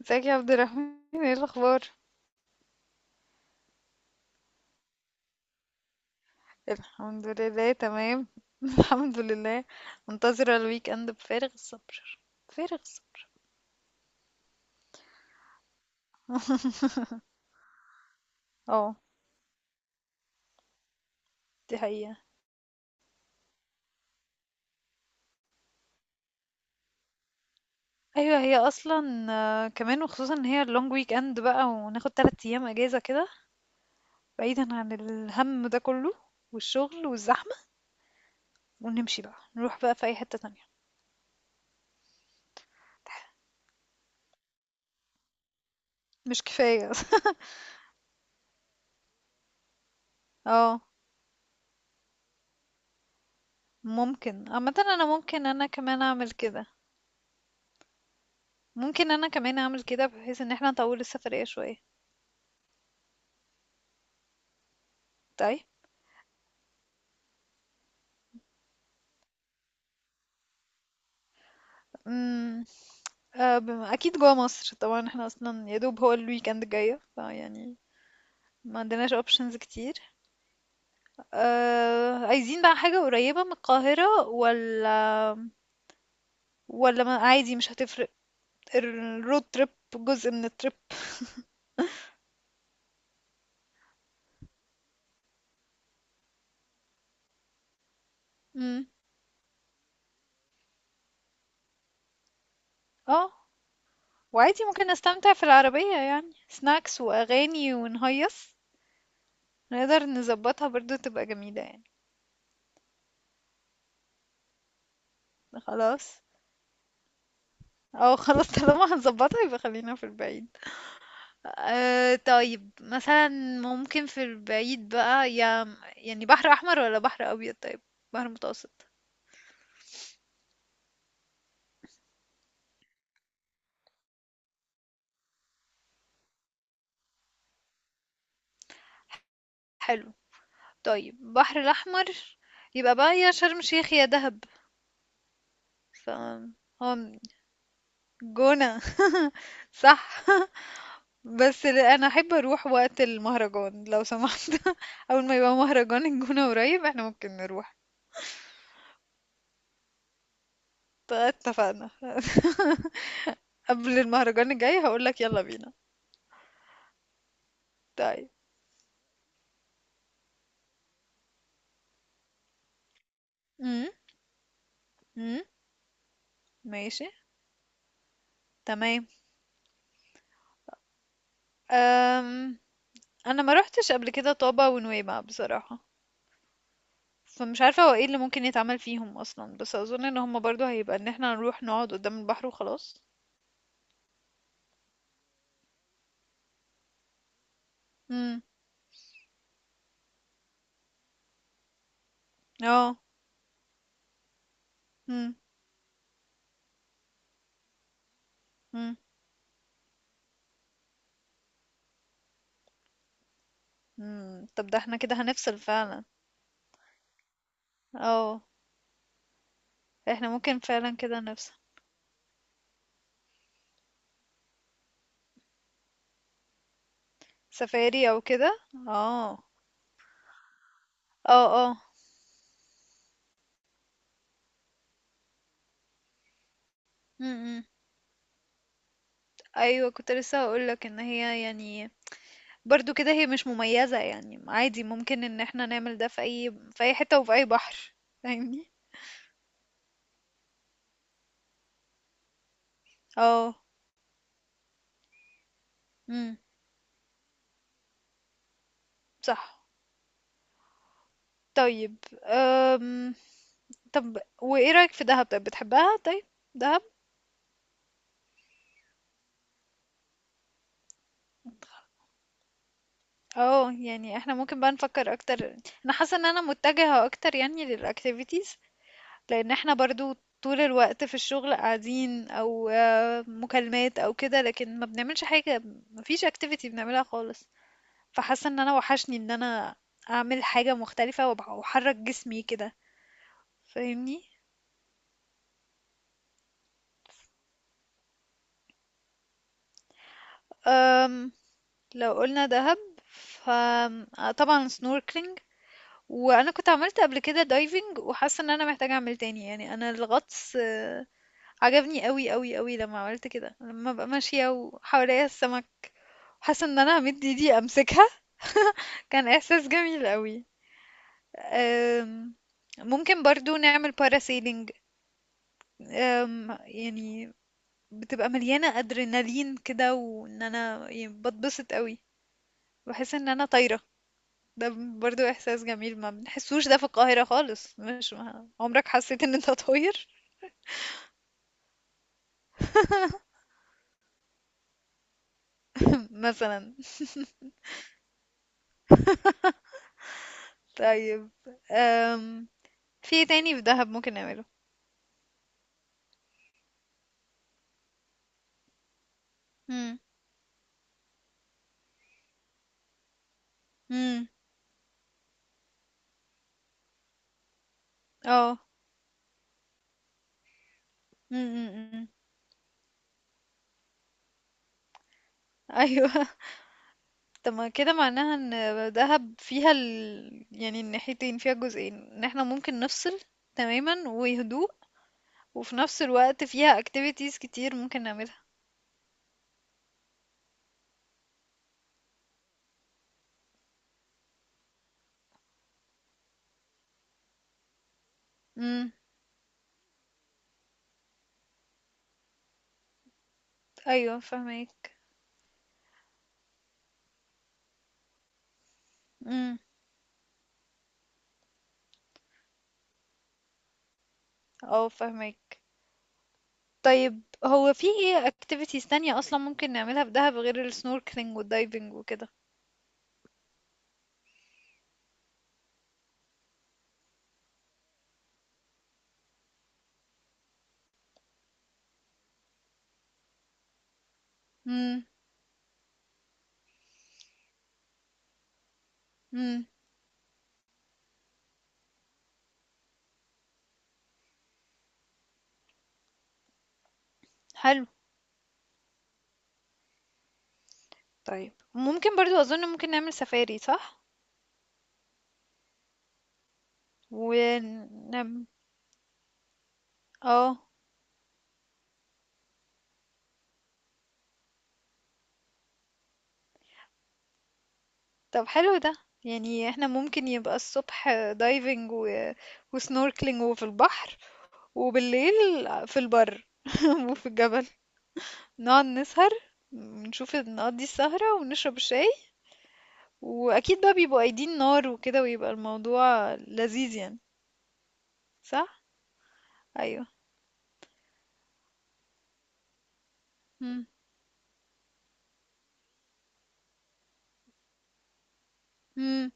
ازيك يا عبد الرحمن، ايه الاخبار؟ الحمد لله تمام. الحمد لله. منتظره الويك اند بفارغ الصبر، فارغ الصبر. اه، دي حقيقه. ايوه، هي اصلا كمان، وخصوصا ان هي اللونج ويك اند بقى وناخد 3 ايام اجازه كده بعيدا عن الهم ده كله والشغل والزحمه، ونمشي بقى نروح بقى في اي حته تانية. مش كفايه. اه. ممكن عامه، انا ممكن انا كمان اعمل كده. ممكن انا كمان اعمل كده بحيث ان احنا نطول السفريه شويه. طيب. اكيد جوا مصر طبعا، احنا اصلا يا دوب هو الويكند جاية، فيعني ما عندناش اوبشنز كتير. عايزين بقى حاجة قريبة من القاهرة، ولا ولا ما، عادي مش هتفرق. الرود تريب جزء من التريب. امم، اه. وعادي ممكن نستمتع في العربية يعني سناكس واغاني ونهيص. نقدر نظبطها برضو، تبقى جميلة يعني. خلاص. اه خلاص. طالما هنظبطها يبقى خلينا في البعيد. أه طيب، مثلا ممكن في البعيد بقى يا يعني بحر احمر ولا بحر ابيض؟ طيب، بحر متوسط. حلو، طيب بحر الاحمر. يبقى بقى يا شرم الشيخ يا دهب. ف هو جونة. صح. انا احب اروح وقت المهرجان لو سمحت. اول ما يبقى مهرجان الجونة قريب احنا ممكن نروح. اتفقنا. قبل المهرجان الجاي هقولك يلا بينا. طيب. امم. امم، ماشي، تمام. أم... انا ما روحتش قبل كده طابة ونويبع بصراحة، فمش عارفة هو ايه اللي ممكن يتعمل فيهم اصلا، بس اظن ان هما برضو هيبقى ان احنا نروح نقعد قدام البحر وخلاص. امم. اه. امم. امم. أمم. طب ده احنا كده هنفصل فعلا. اه، احنا ممكن فعلا كده نفصل. سفاري او كده. اه. اه، اه، امم. ايوه، كنت لسه هقولك ان هي يعني برضو كده هي مش مميزة، يعني عادي ممكن ان احنا نعمل ده في اي حتة وفي اي بحر. فاهمني. اه. امم. صح. طيب. أم... طب وايه رأيك في دهب؟ طيب، بتحبها؟ طيب، دهب. اه، يعني احنا ممكن بقى نفكر اكتر. انا حاسه ان انا متجهه اكتر يعني للاكتيفيتيز، لان احنا برضو طول الوقت في الشغل قاعدين او مكالمات او كده، لكن ما بنعملش حاجه. ما فيش اكتيفيتي بنعملها خالص. فحاسه ان انا وحشني ان انا اعمل حاجه مختلفه واحرك جسمي كده. فاهمني. لو قلنا دهب، فطبعا سنوركلينج. وانا كنت عملت قبل كده دايفنج، وحاسه ان انا محتاجه اعمل تاني، يعني انا الغطس عجبني قوي قوي قوي لما عملت كده، لما ببقى ماشيه وحواليا السمك حاسه ان انا همد ايدي امسكها. كان احساس جميل قوي. أم، ممكن برضو نعمل باراسيلينج. يعني بتبقى مليانه ادرينالين كده، وان انا يعني بتبسط قوي، بحس ان انا طايره. ده برضو احساس جميل ما بنحسوش ده في القاهرة خالص. مش ما عمرك حسيت ان انت طاير؟ مثلا. طيب. أم... في إيه تاني في دهب ممكن نعمله؟ امم. امم. اه. امم. ايوه. طب ما كده معناها ان دهب فيها يعني الناحيتين، فيها جزئين ان احنا ممكن نفصل تماما وهدوء، وفي نفس الوقت فيها activities كتير ممكن نعملها. امم. ايوه فهمك. امم. اه فهمك. طيب، هو في إيه activities تانية أصلا ممكن نعملها في دهب غير ال snorkeling وال diving وكده؟ امم. امم. حلو. طيب ممكن برضو أظن ممكن نعمل سفاري صح؟ ونعمل اه. طب حلو ده. يعني احنا ممكن يبقى الصبح دايفنج وسنوركلينج وفي البحر، وبالليل في البر، وفي الجبل نقعد نسهر، نشوف نقضي السهرة ونشرب الشاي، وأكيد بقى بيبقوا قايدين نار وكده، ويبقى الموضوع لذيذ يعني. صح؟ أيوه. إمم. إمم.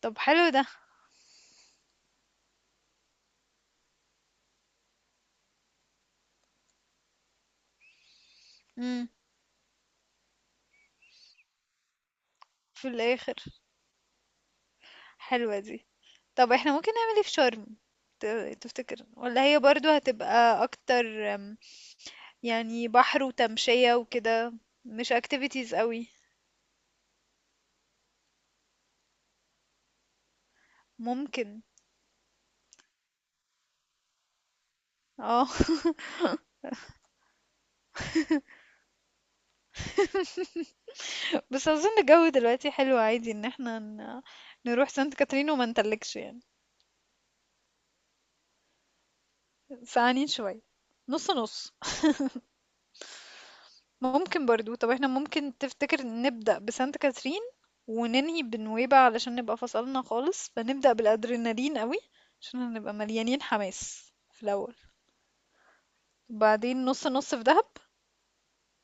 طب حلو ده. إمم. في الآخر، حلوة دي. طب إحنا ممكن نعمل إيه في شرم، ت تفتكر؟ والّا هي برضه هتبقى أكتر، يعني بحر وتمشية وكده، مش activities أوي؟ ممكن. آه، بس أظن الجو دلوقتي حلو، عادي إن إحنا نروح سانت كاترين وما نتلجش يعني. سقعانين شوية. نُص، نُص. ممكن برضو، طب احنا ممكن تفتكر نبدأ بسانت كاترين وننهي بنويبع علشان نبقى فصلنا خالص، فنبدأ بالأدرينالين قوي عشان هنبقى مليانين حماس في الأول، وبعدين نص نص في دهب،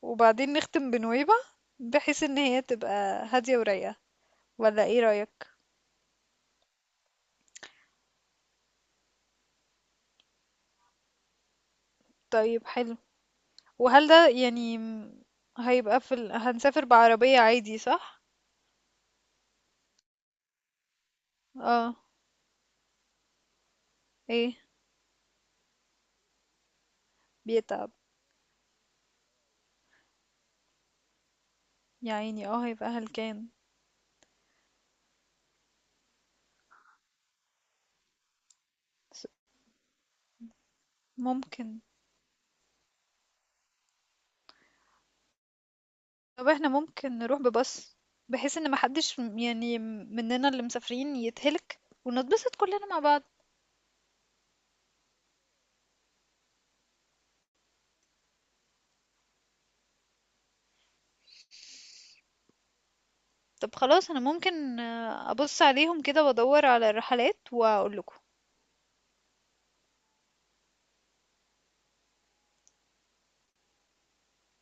وبعدين نختم بنويبع بحيث ان هي تبقى هادية ورايقة. ولا ايه رأيك؟ طيب حلو. وهل ده يعني هيبقى في هنسافر بعربية عادي صح؟ اه. ايه. بيتعب. يا عيني، اه هيبقى هلكان. ممكن. طب احنا ممكن نروح بباص بحيث ان محدش يعني مننا اللي مسافرين يتهلك، ونتبسط كلنا مع بعض. طب خلاص، انا ممكن ابص عليهم كده وادور على الرحلات واقول لكم.